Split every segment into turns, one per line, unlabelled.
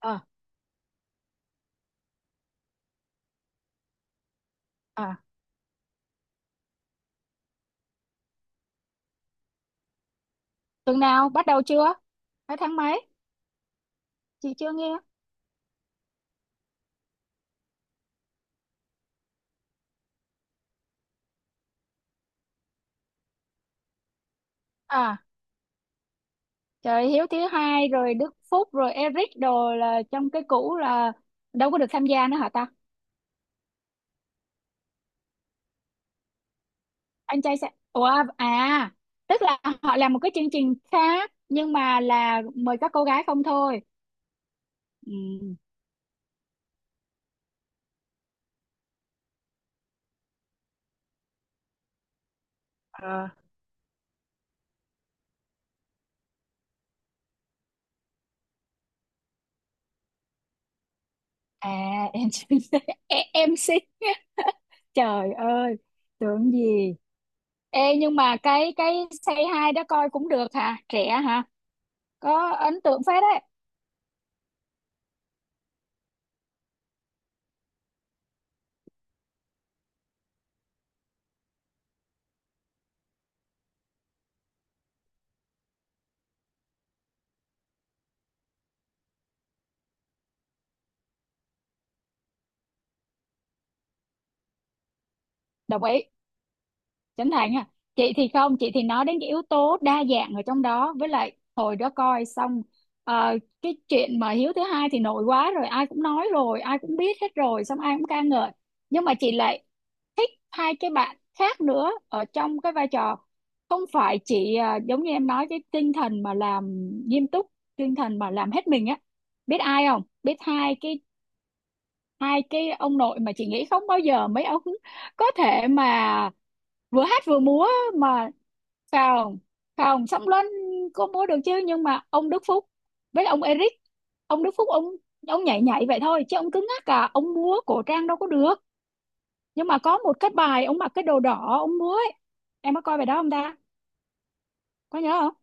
ờ à Tuần nào bắt đầu chưa, hay tháng mấy? Chị chưa nghe. à Trời, Hiếu thứ hai rồi Đức Phúc rồi Eric đồ là trong cái cũ, là đâu có được tham gia nữa hả ta? Anh trai sẽ Ủa, à tức là họ làm một cái chương trình khác, nhưng mà là mời các cô gái không thôi. Ừ. Ờ. À. Em MC. Trời ơi, tưởng gì. Ê, nhưng mà cái say hi đó coi cũng được hả, trẻ hả? Có ấn tượng phết đấy. Đồng ý. Chánh Thành à? Chị thì không, chị thì nói đến cái yếu tố đa dạng ở trong đó, với lại hồi đó coi xong cái chuyện mà Hiếu thứ hai thì nổi quá rồi, ai cũng nói rồi, ai cũng biết hết rồi, xong ai cũng ca ngợi. Nhưng mà chị lại thích hai cái bạn khác nữa ở trong cái vai trò, không phải chỉ giống như em nói, cái tinh thần mà làm nghiêm túc, tinh thần mà làm hết mình á. Biết ai không? Biết hai cái ông nội mà chị nghĩ không bao giờ mấy ông có thể mà vừa hát vừa múa mà. Phòng Phòng Song Luân có múa được chứ, nhưng mà ông Đức Phúc với ông Eric, ông Đức Phúc ông nhảy nhảy vậy thôi chứ ông cứng ngắc cả, ông múa cổ trang đâu có được. Nhưng mà có một cái bài ông mặc cái đồ đỏ ông múa ấy, em có coi bài đó không ta? Có nhớ không?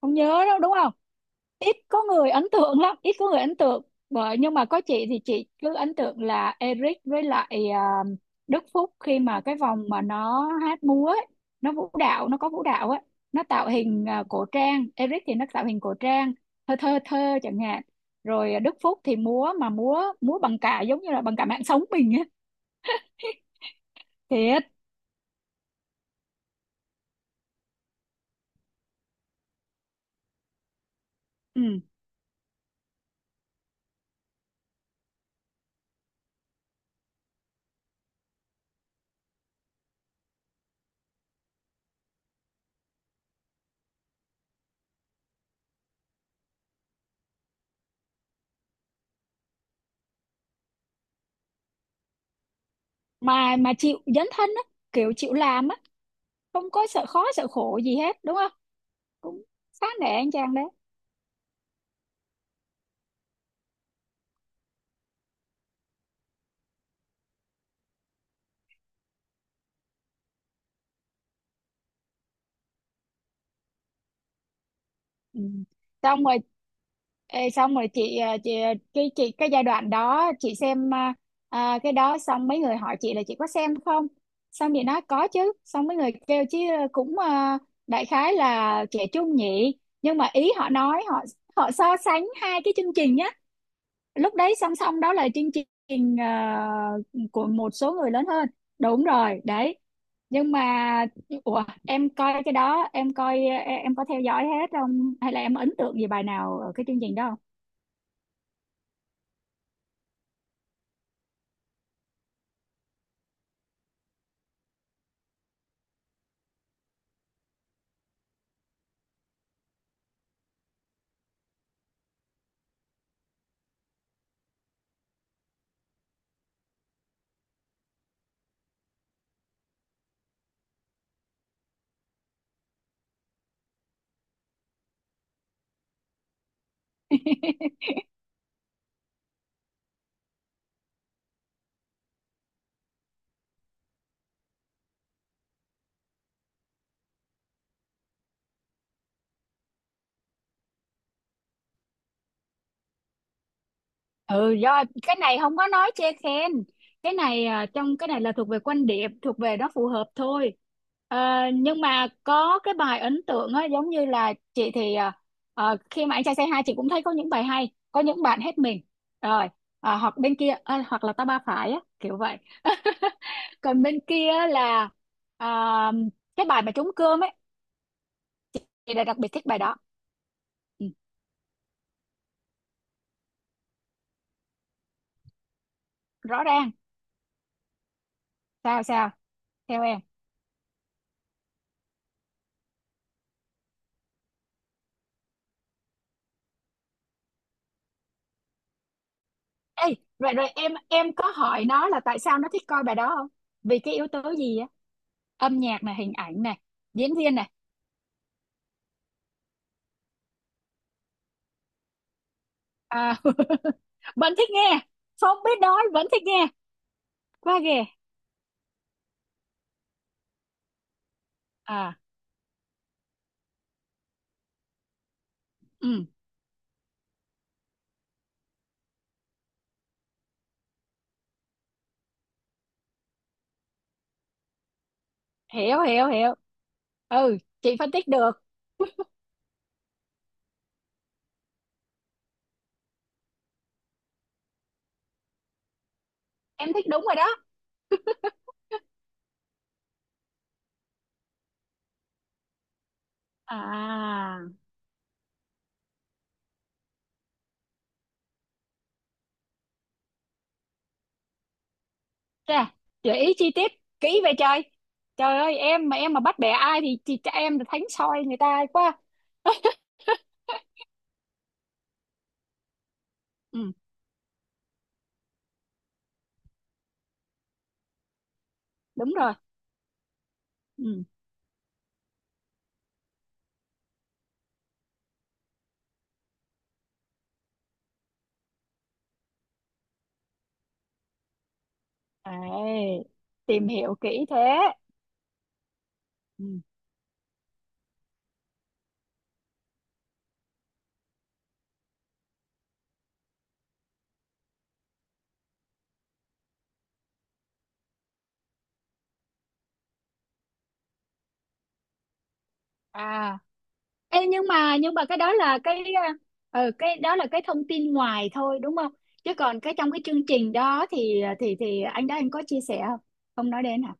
Không nhớ đâu đúng không? Ít có người ấn tượng lắm, ít có người ấn tượng. Bởi, nhưng mà có chị thì chị cứ ấn tượng là Eric với lại à, Đức Phúc, khi mà cái vòng mà nó hát múa ấy, nó vũ đạo, nó có vũ đạo ấy, nó tạo hình cổ trang, Eric thì nó tạo hình cổ trang thơ thơ thơ chẳng hạn. Rồi Đức Phúc thì múa, mà múa múa bằng cả, giống như là bằng cả mạng sống mình ấy. Thiệt. Ừ. mà chịu dấn thân á, kiểu chịu làm á, không có sợ khó sợ khổ gì hết đúng không? Cũng khá nể anh chàng đấy. Ừ, xong rồi. Ê, xong rồi chị chị cái giai đoạn đó chị xem, à, cái đó xong mấy người hỏi chị là chị có xem không. Xong chị nói có chứ, xong mấy người kêu chứ cũng đại khái là trẻ trung nhỉ. Nhưng mà ý họ nói, họ họ so sánh hai cái chương trình nhá. Lúc đấy song song đó là chương trình của một số người lớn hơn, đúng rồi đấy. Nhưng mà ủa, em coi cái đó em coi, em có theo dõi hết không, hay là em ấn tượng gì bài nào ở cái chương trình đó không? Ừ, do cái này không có nói chê khen. Cái này trong cái này là thuộc về quan điểm, thuộc về nó phù hợp thôi. Ờ, nhưng mà có cái bài ấn tượng á, giống như là chị thì khi mà anh trai say hi, chị cũng thấy có những bài hay, có những bạn hết mình rồi. Hoặc bên kia hoặc là ta ba phải á kiểu vậy. Còn bên kia là à, cái bài mà trống cơm ấy, chị đã đặc biệt thích bài đó. Ừ. Rõ ràng. Sao sao? Theo em. Ê, rồi rồi em có hỏi nó là tại sao nó thích coi bài đó không, vì cái yếu tố gì á? Âm nhạc này, hình ảnh này, diễn viên này à? Vẫn thích nghe. Không biết nói vẫn thích nghe. Quá ghê. À. Ừ. Hiểu, hiểu, hiểu. Ừ, chị phân tích được. Em thích, đúng rồi đó. À. Chà, gợi ý chi tiết kỹ vậy trời. Trời ơi, em mà bắt bẻ ai thì chị cho em là thánh soi người ta quá. Ừ, đúng rồi. Ừ. Đấy, tìm hiểu kỹ thế. Ừ. À, ê, nhưng mà cái đó là cái, ừ, cái đó là cái thông tin ngoài thôi đúng không? Chứ còn cái trong cái chương trình đó thì anh đó anh có chia sẻ không? Không nói đến hả?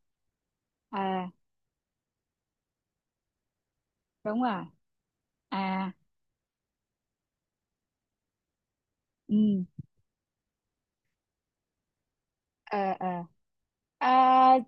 À, đúng rồi. À, ừ. Ờ, ờ. À,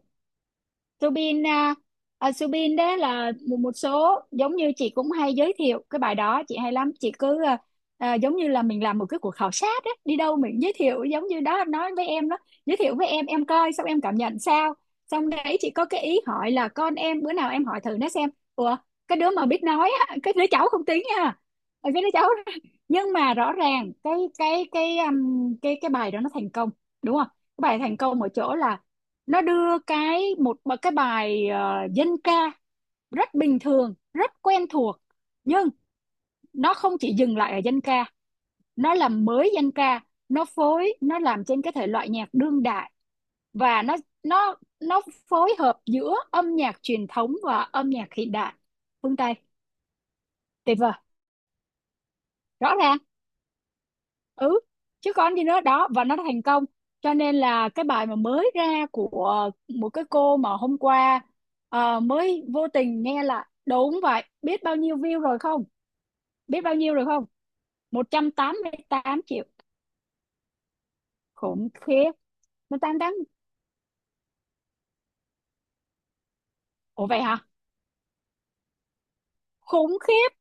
Subin à, Subin đó là một số, giống như chị cũng hay giới thiệu cái bài đó, chị hay lắm, chị cứ à, giống như là mình làm một cái cuộc khảo sát á, đi đâu mình giới thiệu giống như đó nói với em đó, giới thiệu với em coi xong em cảm nhận sao. Xong đấy chị có cái ý hỏi là con em, bữa nào em hỏi thử nó xem. Ủa, cái đứa mà biết nói á, cái đứa cháu không tính nha. Ờ, cái đứa cháu. Nhưng mà rõ ràng cái bài đó nó thành công đúng không? Cái bài thành công ở chỗ là nó đưa cái một cái bài dân ca, rất bình thường, rất quen thuộc, nhưng nó không chỉ dừng lại ở dân ca. Nó làm mới dân ca, nó phối, nó làm trên cái thể loại nhạc đương đại, và nó phối hợp giữa âm nhạc truyền thống và âm nhạc hiện đại phương Tây. Tuyệt vời. Rõ ràng. Ừ, chứ còn gì nữa đó, và nó thành công. Cho nên là cái bài mà mới ra của một cái cô mà hôm qua mới vô tình nghe là đúng vậy, biết bao nhiêu view rồi không? Biết bao nhiêu rồi không? 188 triệu. Khủng khiếp. 188. Ủa vậy hả? Khủng khiếp.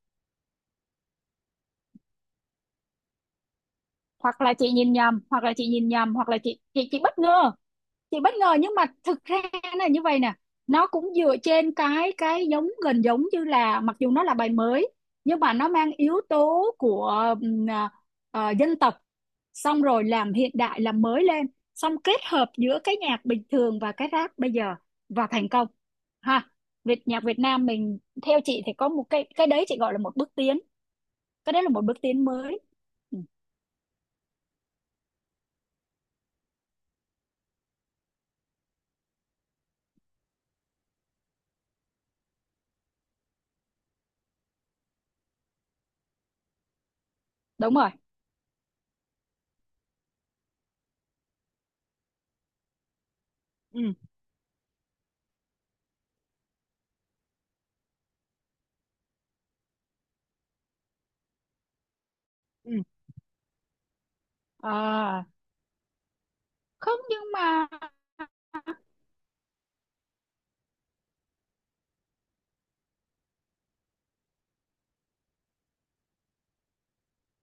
Hoặc là chị nhìn nhầm, hoặc là chị nhìn nhầm, hoặc là chị bất ngờ. Chị bất ngờ, nhưng mà thực ra là như vậy nè. Nó cũng dựa trên cái giống gần giống như là, mặc dù nó là bài mới, nhưng mà nó mang yếu tố của ừm, à, dân tộc, xong rồi làm hiện đại, làm mới lên, xong kết hợp giữa cái nhạc bình thường và cái rap bây giờ, và thành công. Ha, Việt, nhạc Việt Nam mình theo chị thì có một cái đấy, chị gọi là một bước tiến, cái đấy là một bước tiến mới. Ừ, đúng rồi. Ừ. Ừ. Ừ. À, không, nhưng mà.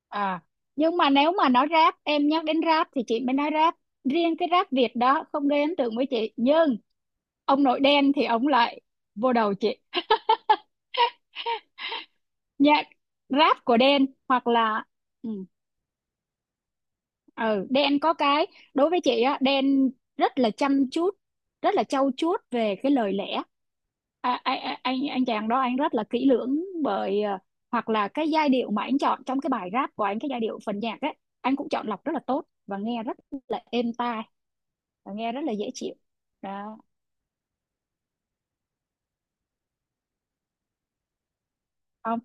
À, nhưng mà nếu mà nói rap, em nhắc đến rap thì chị mới nói rap. Riêng cái rap Việt đó không gây ấn tượng với chị. Nhưng ông nội đen thì ông lại vô đầu chị. Nhạc rap của đen hoặc là. Ừ, ừ, đen có cái. Đối với chị á, đen rất là chăm chút, rất là trau chuốt về cái lời lẽ. À, anh chàng đó anh rất là kỹ lưỡng, bởi hoặc là cái giai điệu mà anh chọn trong cái bài rap của anh, cái giai điệu phần nhạc ấy, anh cũng chọn lọc rất là tốt và nghe rất là êm tai. Và nghe rất là dễ chịu đó. Không.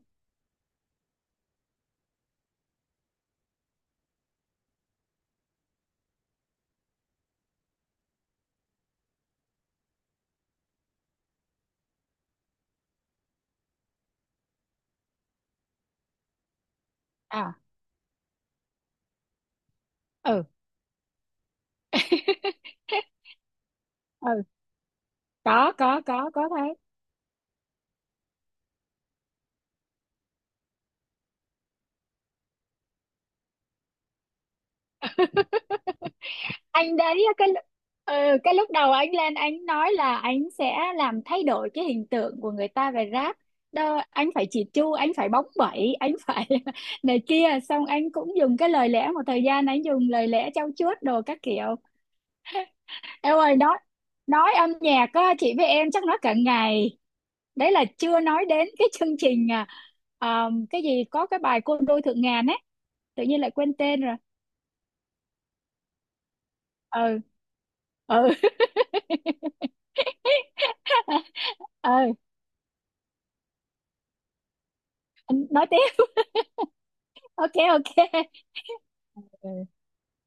À. Ừ. Ừ. Có thấy. Anh đấy á, cái lúc đầu anh lên anh nói là anh sẽ làm thay đổi cái hình tượng của người ta về rác, đó anh phải chỉ chu, anh phải bóng bẩy, anh phải này kia, xong anh cũng dùng cái lời lẽ một thời gian, anh dùng lời lẽ trau chuốt đồ các kiểu. Em ơi, nói âm nhạc á, chị với em chắc nói cả ngày. Đấy là chưa nói đến cái chương trình cái gì có cái bài Côn Đôi Thượng Ngàn ấy, tự nhiên lại quên tên rồi. Ừ. Ừ. Ừ. Nói tiếp. OK. OK.